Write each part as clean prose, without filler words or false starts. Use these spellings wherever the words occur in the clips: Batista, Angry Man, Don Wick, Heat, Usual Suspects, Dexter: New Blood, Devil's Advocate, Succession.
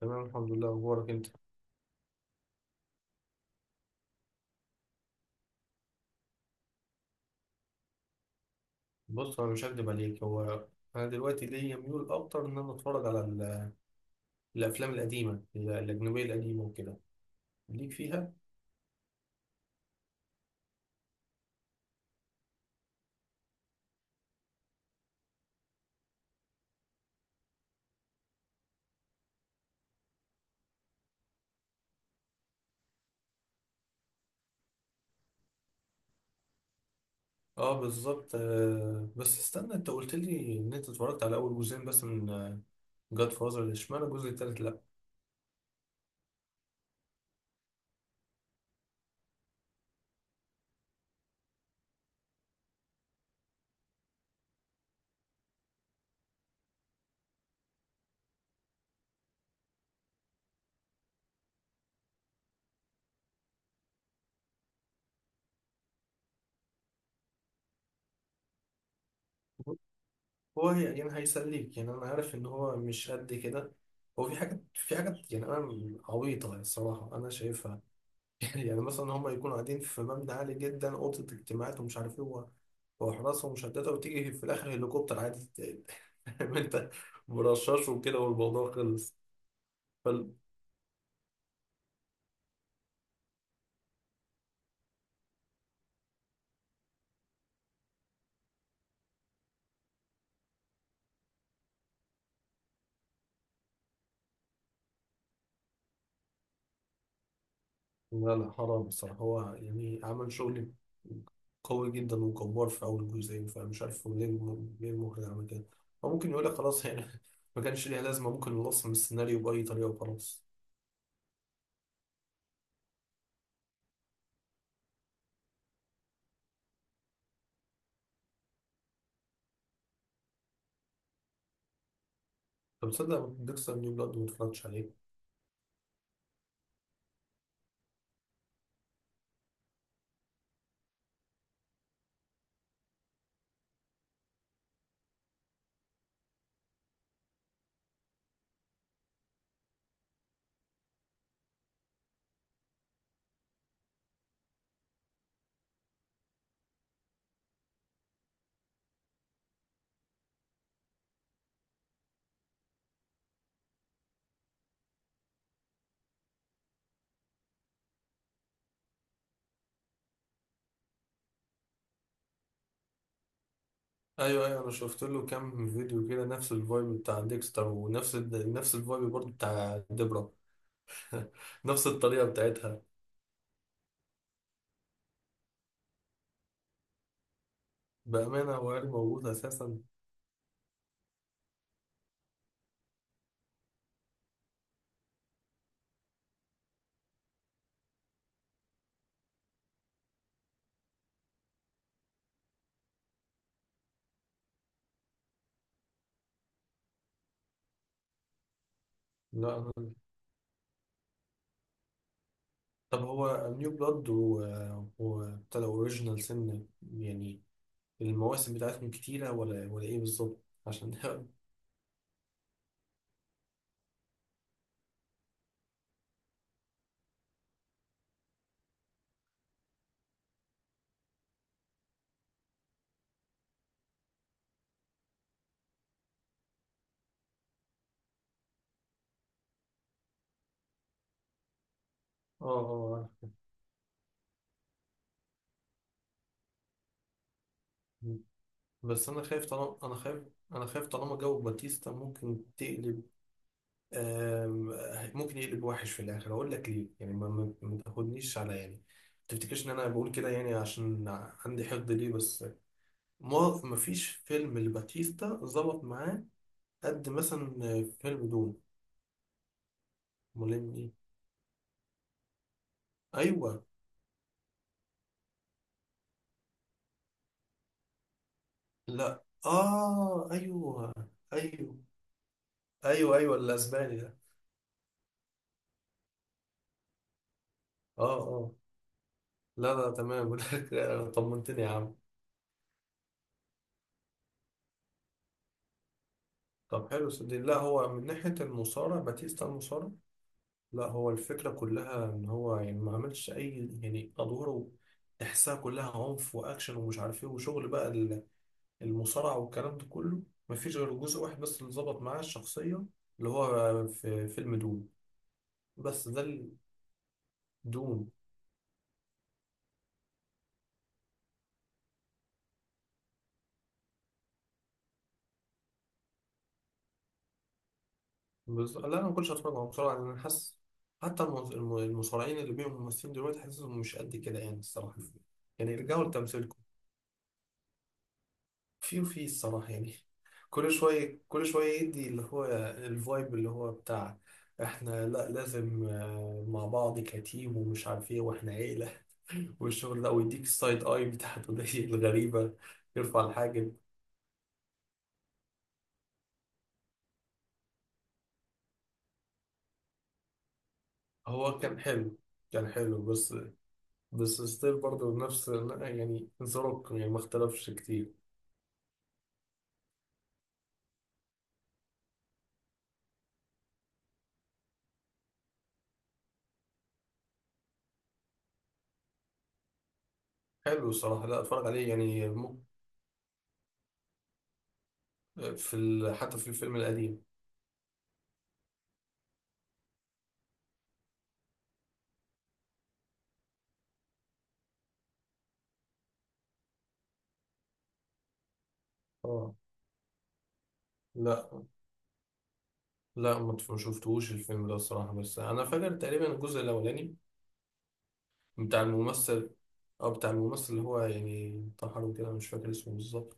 تمام الحمد لله، اخبارك انت؟ بص، انا مش هكدب عليك. هو انا دلوقتي ليا ميول اكتر ان انا اتفرج على الافلام القديمه، الاجنبيه القديمه وكده، ليك فيها. اه بالظبط. بس استنى، انت قلت لي ان انت اتفرجت على اول جزئين بس من جاد فازر، اشمعنى الجزء التالت؟ لا، هو يعني هيسليك، يعني انا عارف ان هو مش قد كده. هو في حاجات يعني انا عبيطه، يعني الصراحه انا شايفها. يعني مثلا هم يكونوا قاعدين في مبنى عالي جدا، اوضه اجتماعات ومش عارف ايه، وحراسة مشددة، وتيجي في الآخر هليكوبتر عادي فاهم أنت، مرشش وكده والموضوع خلص. فال... لا لا، حرام بصراحة، هو يعني عمل شغل قوي جدا وجبار في أول جزئين، فمش عارف هو ليه ليه المخرج عمل كده. هو ممكن يقول لك خلاص، يعني ما كانش ليها لازمة، ممكن نلصم السيناريو بأي طريقة وخلاص. طب تصدق ديكستر نيو بلاد ما اتفرجتش عليه. ايوه، ايوه، انا شفت له كام فيديو كده، نفس الفايب بتاع ديكستر ونفس ال... نفس الفايب برضه بتاع ديبرا. نفس الطريقة بتاعتها. بأمانة هو عيال موجود أساسا. لا طب هو نيو بلاد و وابتدى أوريجينال سن، يعني المواسم بتاعتهم كتيرة ولا إيه بالظبط؟ عشان اه اه. بس أنا خايف طالما جو باتيستا ممكن تقلب، ممكن يقلب وحش في الآخر. أقول لك ليه، يعني ما تاخدنيش على، يعني ما تفتكرش إن أنا بقول كده يعني، عشان عندي حقد ليه، بس ما مفيش فيلم لباتيستا ظبط معاه قد مثلا فيلم دون. ملم ايه. ايوه، لا، اه، ايوه. ايوه ايوه ايوه. الاسباني ده. اه اه. لا لا، تمام. بقول لك، طمنتني يا عم. طب حلو، صدق، لا هو من ناحيه المصارع، باتيستا المصارع. لا، هو الفكره كلها ان هو يعني ما عملش اي يعني ادواره، تحسها كلها عنف واكشن ومش عارف ايه وشغل بقى، المصارعة والكلام ده كله. مفيش غير جزء واحد بس اللي ظبط معاه الشخصية، اللي هو في فيلم دوم. بس ده دوم بس. لا، أنا ما كنتش هتفرج على مصارعة لأن أنا حاسس حتى المصارعين اللي بيهم ممثلين دلوقتي حاسسهم مش قد كده يعني الصراحة. يعني ارجعوا لتمثيلكم. وفي الصراحة، يعني كل شوية كل شوية، يدي اللي هو الفايب اللي هو بتاع احنا، لا لازم، مع بعض كتيم ومش عارف ايه واحنا عيلة والشغل ده، ويديك السايد اي بتاعته دي الغريبة، يرفع الحاجب. هو كان حلو، كان حلو، بس ستيل برضه نفس، يعني زروك يعني ما اختلفش كتير. حلو الصراحة، لا اتفرج عليه يعني ممكن، حتى في الفيلم القديم. اه. لا لا، ما شفتهوش الفيلم ده الصراحة، بس انا فاكر تقريبا الجزء الاولاني بتاع الممثل اه بتاع الممثل اللي هو يعني انتحر وكده، مش فاكر اسمه بالظبط،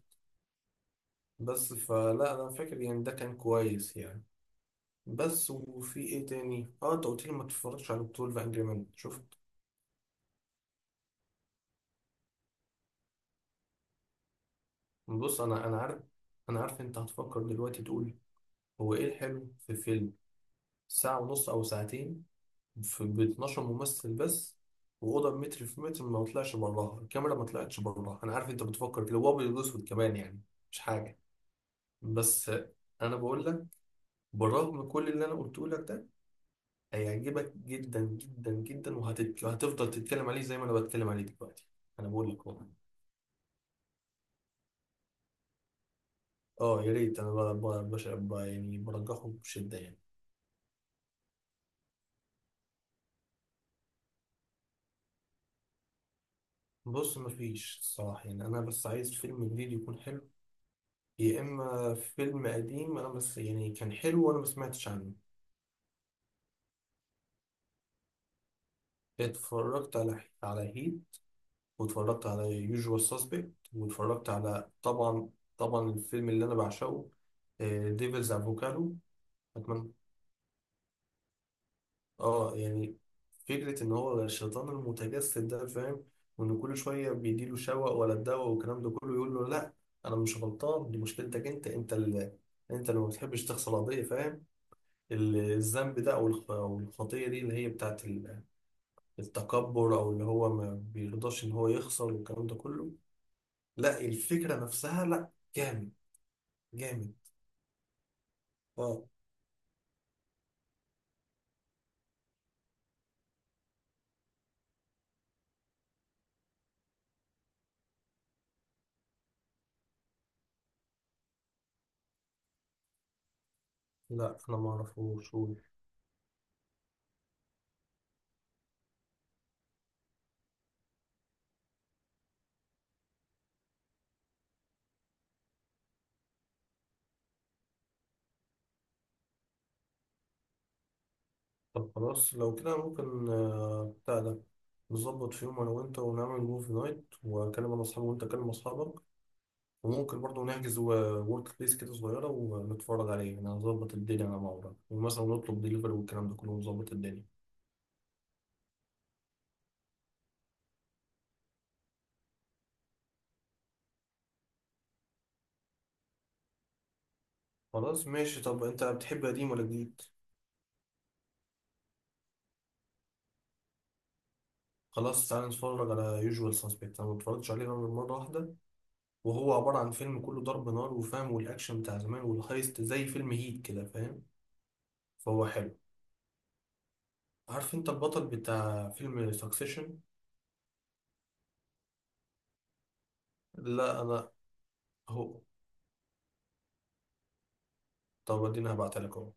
بس فلا انا فاكر يعني ده كان كويس يعني. بس، وفي ايه تاني؟ اه انت قلت لي ما تتفرجش على بطولة انجري مان، شفت. بص انا عارف انت هتفكر دلوقتي تقول هو ايه الحلو في فيلم ساعة ونص او ساعتين، في ب 12 ممثل بس، واوضه متر في متر، ما طلعش براها الكاميرا ما طلعتش براها. انا عارف انت بتفكر كده، هو ابيض واسود كمان، يعني مش حاجه، بس انا بقول لك، بالرغم كل اللي انا قلته لك ده، هيعجبك جدا جدا جدا، وهتفضل تتكلم عليه زي ما انا بتكلم عليه دلوقتي. انا بقول لك والله. اه يا ريت، انا بقى، يعني برجحه بشدة يعني. بص مفيش الصراحة، يعني انا بس عايز فيلم جديد يكون حلو، يا اما فيلم قديم انا بس، يعني كان حلو وانا ما سمعتش عنه. اتفرجت على هيت، واتفرجت على يوجوال ساسبكت، واتفرجت على، طبعا الفيلم اللي انا بعشقه، ديفلز افوكادو، اتمنى. اه يعني فكرة ان هو الشيطان المتجسد ده، فاهم؟ وان كل شوية بيديله شوق ولا الدواء والكلام ده كله، يقول له لا، انا مش غلطان، دي مشكلتك انت اللي ما بتحبش تغسل قضية، فاهم؟ الذنب ده أو الخطية دي، اللي هي بتاعت التكبر، او اللي هو ما بيرضاش ان هو يخسر والكلام ده كله. لا، الفكرة نفسها، لا، جامد، جامد. اه. لا انا ما اعرفوش. طب خلاص لو كده ممكن، بتاع ده، نظبط في يوم انا وانت ونعمل موفي نايت، واكلم انا اصحابي وانت تكلم اصحابك، وممكن برضه نحجز ورك بليس كده صغيره ونتفرج عليه، يعني هنظبط الدنيا على بعض ومثلا نطلب دليفري والكلام ده كله ونظبط الدنيا. خلاص ماشي. طب انت بتحب قديم ولا جديد؟ خلاص تعالى نتفرج على يوجوال سسبكت، انا ما اتفرجتش عليه غير مره واحده، وهو عباره عن فيلم كله ضرب نار وفاهم، والاكشن بتاع زمان والهايست زي فيلم هيت كده، فاهم؟ فهو حلو. عارف انت البطل بتاع فيلم سكسيشن؟ لا انا. هو، طب اديني هبعتلك اهو.